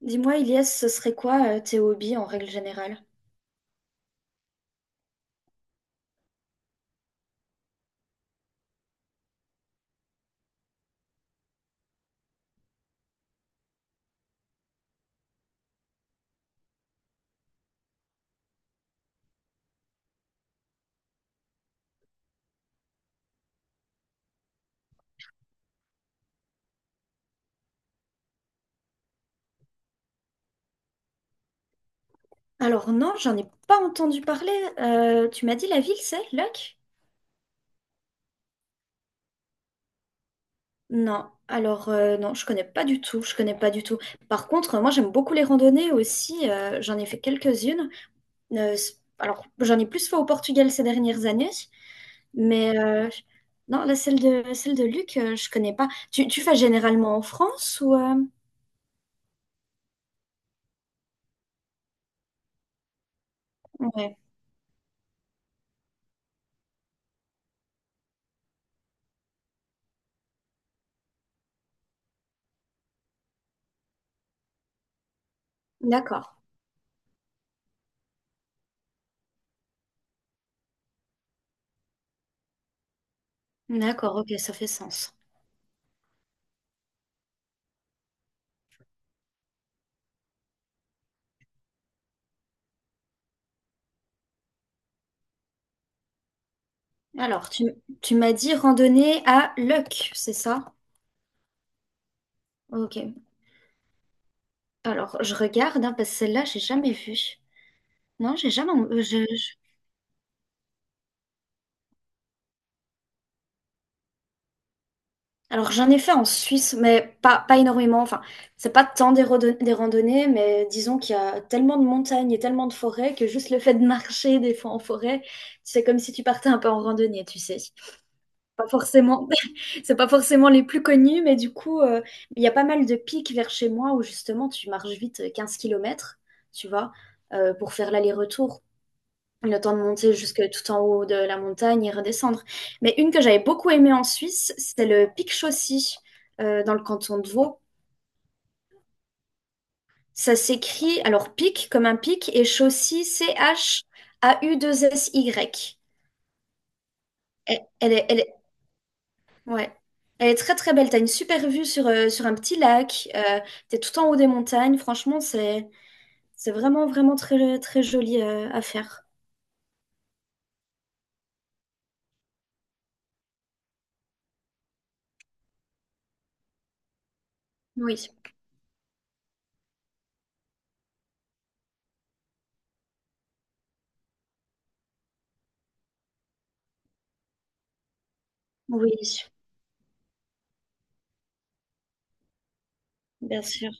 Dis-moi, Ilias, ce serait quoi tes hobbies en règle générale? Alors non, j'en ai pas entendu parler. Tu m'as dit la ville, c'est Luck? Non, alors non, je connais pas du tout, je connais pas du tout. Par contre, moi j'aime beaucoup les randonnées aussi, j'en ai fait quelques-unes. Alors j'en ai plus fait au Portugal ces dernières années, mais non, la celle de Luc, je connais pas. Tu fais généralement en France ou ouais, d'accord. D'accord, ok, ça fait sens. Alors, tu m'as dit randonnée à Luck, c'est ça? Ok. Alors, je regarde, hein, parce que celle-là, j'ai jamais vue. Non, j'ai jamais. Alors, j'en ai fait en Suisse, mais pas énormément. Enfin, c'est pas tant des randonnées, mais disons qu'il y a tellement de montagnes et tellement de forêts que juste le fait de marcher des fois en forêt, c'est comme si tu partais un peu en randonnée, tu sais. Pas forcément, c'est pas forcément les plus connus, mais du coup, il y a pas mal de pics vers chez moi où justement tu marches vite 15 km, tu vois, pour faire l'aller-retour. Le temps de monter jusque tout en haut de la montagne et redescendre. Mais une que j'avais beaucoup aimée en Suisse, c'est le pic Chaussy, dans le canton de Vaud. Ça s'écrit, alors pic comme un pic, et Chaussy, C-H-A-USSY. Elle est... Ouais. Elle est très très belle. T'as une super vue sur, sur un petit lac. T'es tout en haut des montagnes. Franchement, c'est vraiment vraiment très très joli à faire. Oui, oui, bien sûr.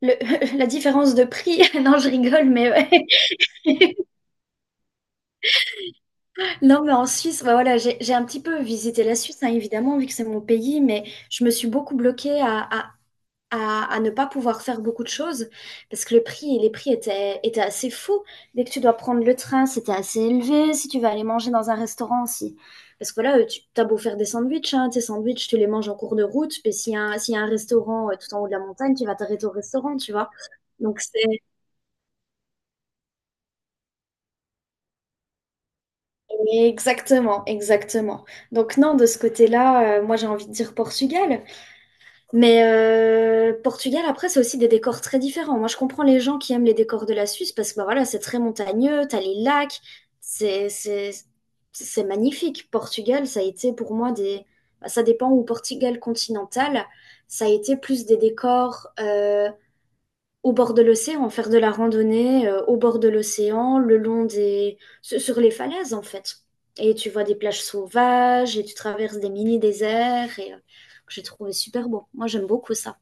Le, la différence de prix, non, je rigole, mais ouais. Non, mais en Suisse, bah voilà, j'ai un petit peu visité la Suisse, hein, évidemment, vu que c'est mon pays, mais je me suis beaucoup bloquée à ne pas pouvoir faire beaucoup de choses parce que les prix étaient assez fous. Dès que tu dois prendre le train, c'était assez élevé. Si tu vas aller manger dans un restaurant aussi. Parce que là tu as beau faire des sandwichs, hein, tes sandwichs, tu les manges en cours de route. Mais s'il y a un restaurant tout en haut de la montagne, tu vas t'arrêter au restaurant, tu vois. Donc c'est exactement, exactement. Donc non, de ce côté-là, moi j'ai envie de dire Portugal. Mais Portugal, après, c'est aussi des décors très différents. Moi, je comprends les gens qui aiment les décors de la Suisse parce que bah, voilà, c'est très montagneux, t'as les lacs, c'est c'est- c'est magnifique. Portugal, ça a été pour moi des, bah, ça dépend, où Portugal continental, ça a été plus des décors, au bord de l'océan, faire de la randonnée au bord de l'océan, le long des, sur les falaises en fait. Et tu vois des plages sauvages et tu traverses des mini-déserts et que j'ai trouvé super beau. Moi j'aime beaucoup ça.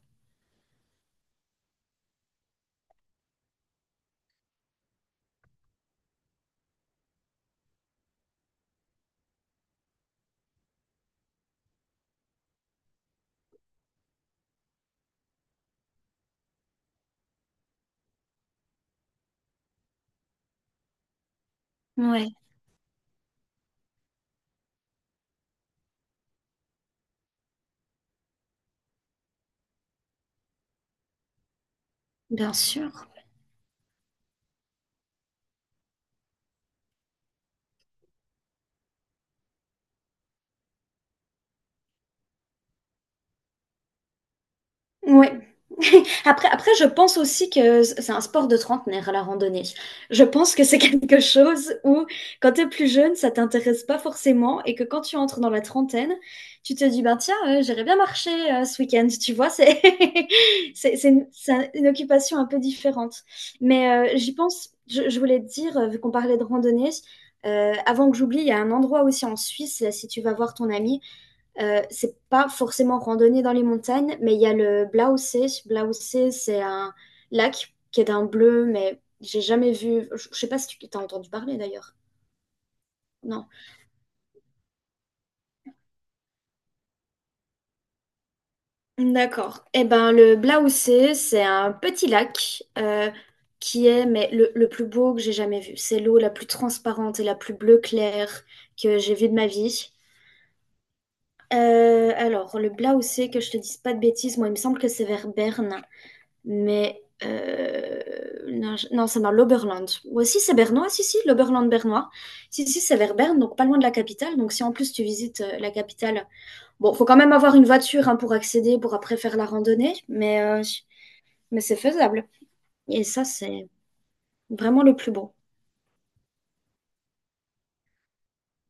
Ouais, bien sûr. Ouais. Après, je pense aussi que c'est un sport de trentenaire, la randonnée. Je pense que c'est quelque chose où, quand t'es plus jeune, ça t'intéresse pas forcément et que quand tu entres dans la trentaine, tu te dis, ben tiens, j'irais bien marcher ce week-end. Tu vois, c'est c'est une, c'est un- une occupation un peu différente. Mais j'y pense, je voulais te dire, vu qu'on parlait de randonnée, avant que j'oublie, il y a un endroit aussi en Suisse, là, si tu vas voir ton ami, c'est pas forcément randonnée dans les montagnes, mais il y a le Blaussee. Blaussee, c'est un lac qui est d'un bleu, mais j'ai jamais vu. Je sais pas si tu t'as entendu parler d'ailleurs. Non. D'accord. Eh ben, le Blaussee, c'est un petit lac qui est mais le plus beau que j'ai jamais vu. C'est l'eau la plus transparente et la plus bleue claire que j'ai vue de ma vie. Alors, le Blaussee, que je te dise pas de bêtises, moi, il me semble que c'est vers Berne. Mais non, non, c'est dans l'Oberland. Ou aussi, c'est bernois. Si, si, l'Oberland bernois. Si, si, c'est vers Berne, donc pas loin de la capitale. Donc, si en plus tu visites la capitale, bon, faut quand même avoir une voiture hein, pour accéder, pour après faire la randonnée, mais c'est faisable. Et ça, c'est vraiment le plus beau.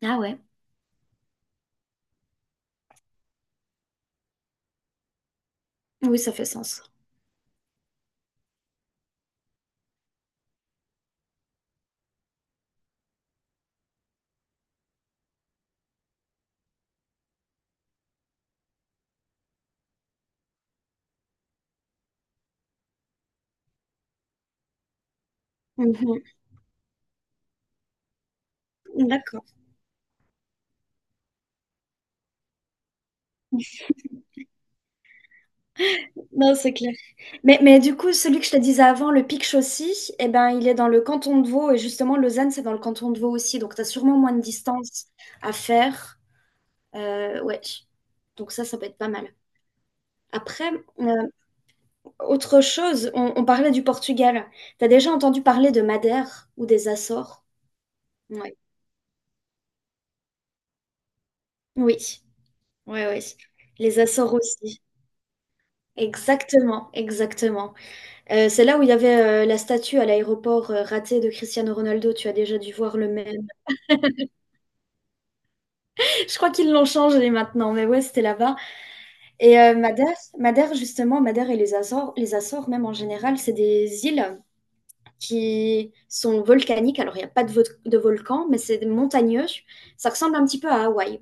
Ah ouais, oui, ça fait sens. Mhm. D'accord. Non, c'est clair. Mais du coup, celui que je te disais avant, le Pic Chaussy, eh ben, il est dans le canton de Vaud. Et justement, Lausanne, c'est dans le canton de Vaud aussi. Donc, tu as sûrement moins de distance à faire. Ouais. Donc, ça peut être pas mal. Après, euh, autre chose, on parlait du Portugal. Tu as déjà entendu parler de Madère ou des Açores? Ouais. Oui, oui, oui. Les Açores aussi. Exactement, exactement. C'est là où il y avait la statue à l'aéroport ratée de Cristiano Ronaldo. Tu as déjà dû voir le même. Je crois qu'ils l'ont changé maintenant, mais ouais, c'était là-bas. Et Madère, justement, Madère et les Açores, même en général, c'est des îles qui sont volcaniques. Alors, il n'y a pas de volcan, mais c'est montagneux. Ça ressemble un petit peu à Hawaï.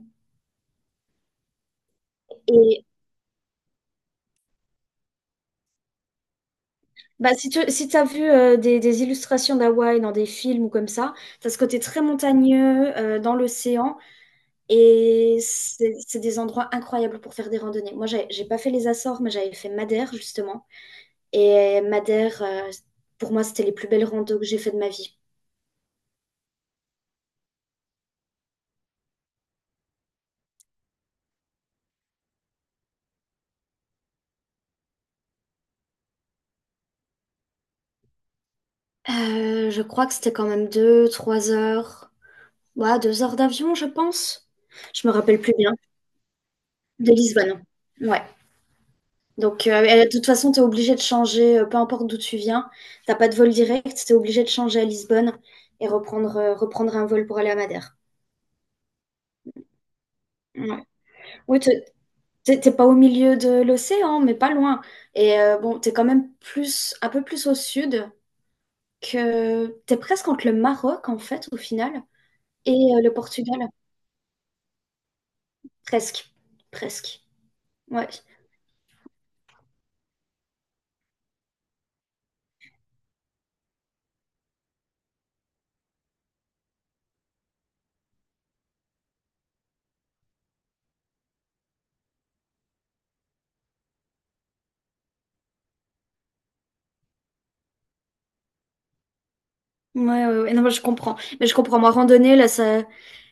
Et bah, si tu si as vu des illustrations d'Hawaï dans des films ou comme ça, tu as ce côté très montagneux dans l'océan. Et c'est des endroits incroyables pour faire des randonnées. Moi, j'ai pas fait les Açores, mais j'avais fait Madère, justement. Et Madère, pour moi, c'était les plus belles randos que j'ai fait de ma vie. Je crois que c'était quand même 2, 3 heures. Ouais, 2 heures d'avion, je pense. Je me rappelle plus bien. De Lisbonne. Ouais. Donc, et de toute façon, tu es obligé de changer, peu importe d'où tu viens. T'as pas de vol direct, tu es obligé de changer à Lisbonne et reprendre, reprendre un vol pour aller à Madère. Ouais. Oui, t'es pas au milieu de l'océan, mais pas loin. Et bon, t'es quand même plus, un peu plus au sud, que t'es presque entre le Maroc, en fait, au final, et le Portugal. Presque. Presque. Ouais. Ouais, ouais, ouais. Non, mais je comprends. Mais je comprends. Moi, randonnée, là, ça.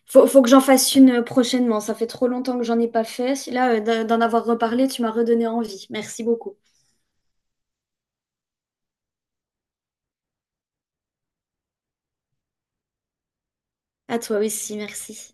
Faut que j'en fasse une prochainement. Ça fait trop longtemps que j'en ai pas fait. Là, d'en avoir reparlé, tu m'as redonné envie. Merci beaucoup. À toi aussi, merci.